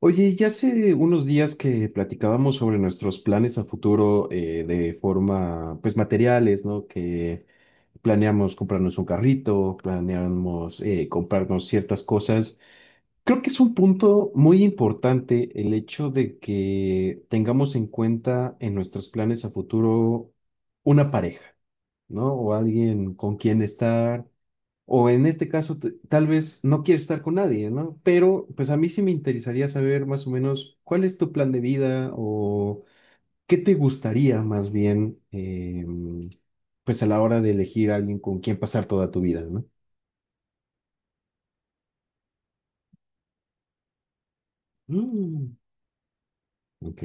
Oye, ya hace unos días que platicábamos sobre nuestros planes a futuro de forma, pues materiales, ¿no? Que planeamos comprarnos un carrito, planeamos comprarnos ciertas cosas. Creo que es un punto muy importante el hecho de que tengamos en cuenta en nuestros planes a futuro una pareja, ¿no? O alguien con quien estar o en este caso, tal vez no quieres estar con nadie, ¿no? Pero pues a mí sí me interesaría saber más o menos cuál es tu plan de vida o qué te gustaría más bien, pues a la hora de elegir a alguien con quien pasar toda tu vida, ¿no? Mm. Ok.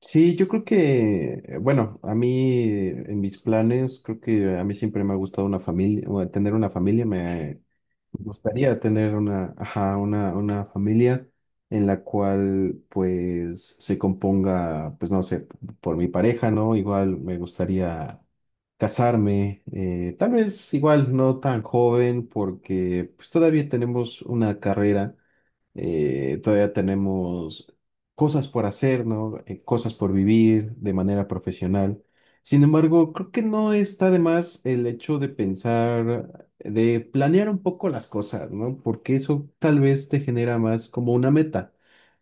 Sí, yo creo que, bueno, a mí en mis planes, creo que a mí siempre me ha gustado una familia, o tener una familia, me... Me gustaría tener una, ajá, una familia en la cual pues se componga, pues no sé, por mi pareja, ¿no? Igual me gustaría casarme, tal vez igual no tan joven porque pues todavía tenemos una carrera, todavía tenemos cosas por hacer, ¿no? Cosas por vivir de manera profesional. Sin embargo, creo que no está de más el hecho de pensar, de planear un poco las cosas, ¿no? Porque eso tal vez te genera más como una meta.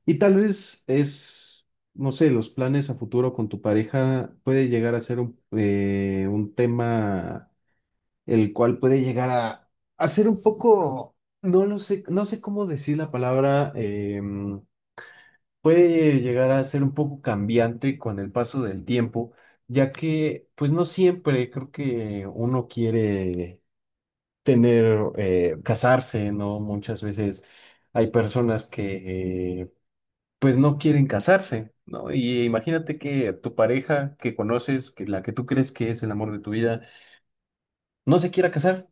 Y tal vez es, no sé, los planes a futuro con tu pareja puede llegar a ser un tema el cual puede llegar a ser un poco, no lo sé, no sé cómo decir la palabra, em, puede llegar a ser un poco cambiante con el paso del tiempo, ya que pues no siempre creo que uno quiere tener, casarse, ¿no? Muchas veces hay personas que pues no quieren casarse, ¿no? Y imagínate que tu pareja que conoces, que la que tú crees que es el amor de tu vida, no se quiera casar.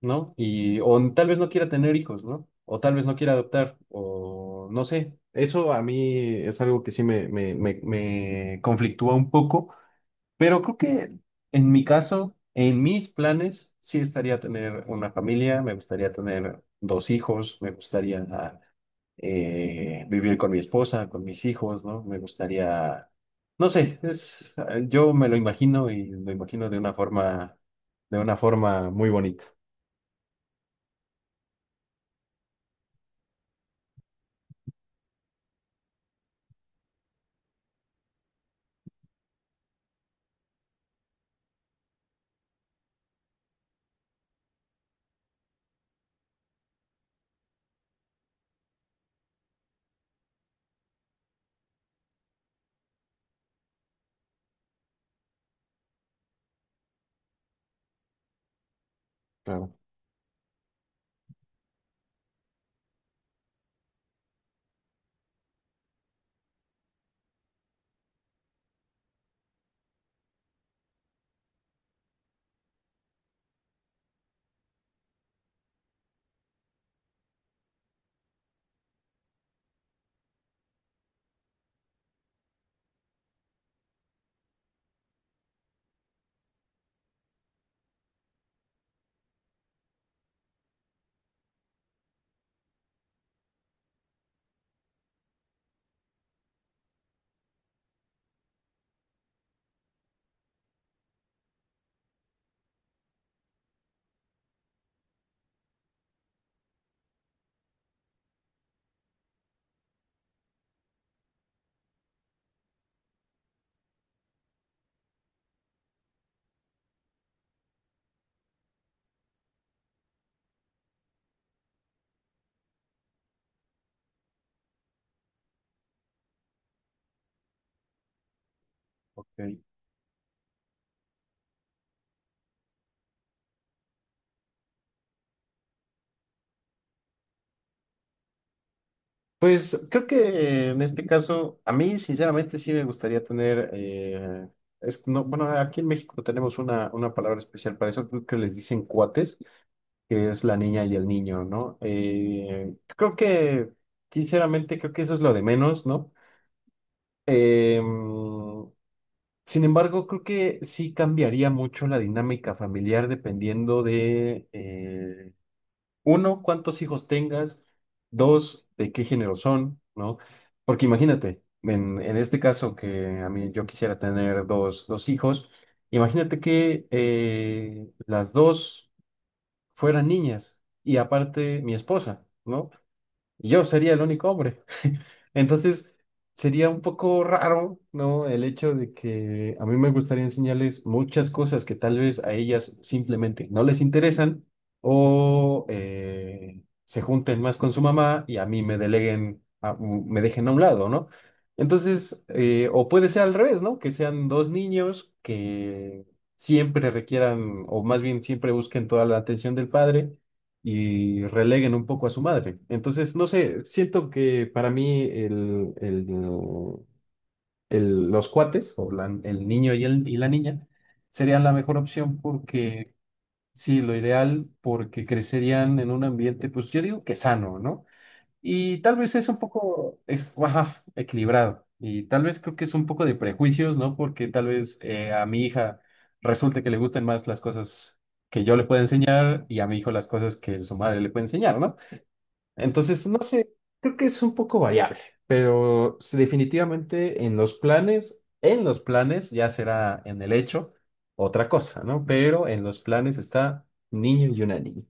¿No? Y, o tal vez no quiera tener hijos, ¿no? O tal vez no quiera adoptar, o no sé. Eso a mí es algo que sí me conflictúa un poco, pero creo que en mi caso, en mis planes, sí estaría tener una familia, me gustaría tener dos hijos, me gustaría vivir con mi esposa, con mis hijos, ¿no? Me gustaría, no sé, es, ah, yo me lo imagino y lo imagino de una forma muy bonita. Ok. Pues creo que en este caso, a mí sinceramente sí me gustaría tener, es, no, bueno, aquí en México tenemos una palabra especial para eso, creo que les dicen cuates, que es la niña y el niño, ¿no? Creo que, sinceramente, creo que eso es lo de menos, ¿no? Em, sin embargo, creo que sí cambiaría mucho la dinámica familiar dependiendo de, uno, cuántos hijos tengas. Dos, de qué género son, ¿no? Porque imagínate, en este caso que a mí yo quisiera tener dos hijos, imagínate que las dos fueran niñas y aparte mi esposa, ¿no? Y yo sería el único hombre. Entonces, sería un poco raro, ¿no? El hecho de que a mí me gustaría enseñarles muchas cosas que tal vez a ellas simplemente no les interesan o se junten más con su mamá y a mí me deleguen, me dejen a un lado, ¿no? Entonces, o puede ser al revés, ¿no? Que sean dos niños que siempre requieran, o más bien siempre busquen toda la atención del padre y releguen un poco a su madre. Entonces, no sé, siento que para mí los cuates, o el niño y, y la niña, serían la mejor opción porque, sí, lo ideal, porque crecerían en un ambiente, pues yo digo que sano, ¿no? Y tal vez es un poco, ajá, equilibrado. Y tal vez creo que es un poco de prejuicios, ¿no? Porque tal vez a mi hija resulte que le gusten más las cosas que yo le pueda enseñar y a mi hijo las cosas que su madre le puede enseñar, ¿no? Entonces, no sé, creo que es un poco variable, pero sí, definitivamente en los planes ya será en el hecho otra cosa, ¿no? Pero en los planes está un niño y una niña.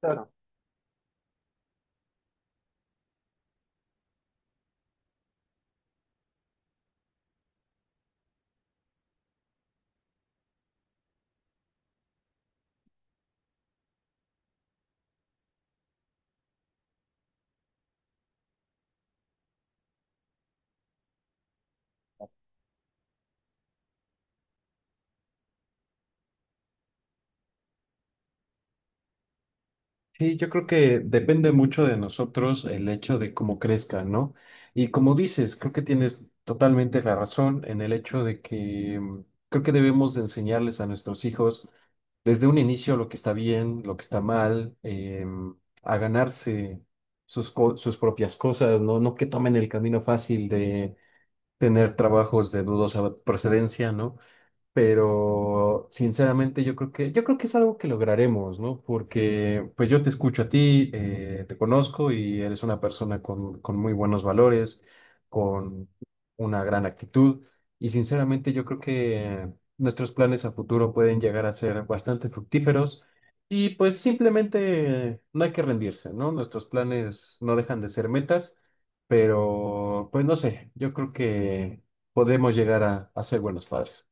Claro. Sí, yo creo que depende mucho de nosotros el hecho de cómo crezcan, ¿no? Y como dices, creo que tienes totalmente la razón en el hecho de que mm, creo que debemos de enseñarles a nuestros hijos desde un inicio lo que está bien, lo que está mal, a ganarse sus, sus propias cosas, ¿no? No que tomen el camino fácil de tener trabajos de dudosa procedencia, ¿no? Pero sinceramente yo creo que es algo que lograremos, ¿no? Porque pues yo te escucho a ti, te conozco y eres una persona con muy buenos valores, con una gran actitud y sinceramente yo creo que nuestros planes a futuro pueden llegar a ser bastante fructíferos y pues simplemente no hay que rendirse, ¿no? Nuestros planes no dejan de ser metas, pero pues no sé, yo creo que podemos llegar a ser buenos padres.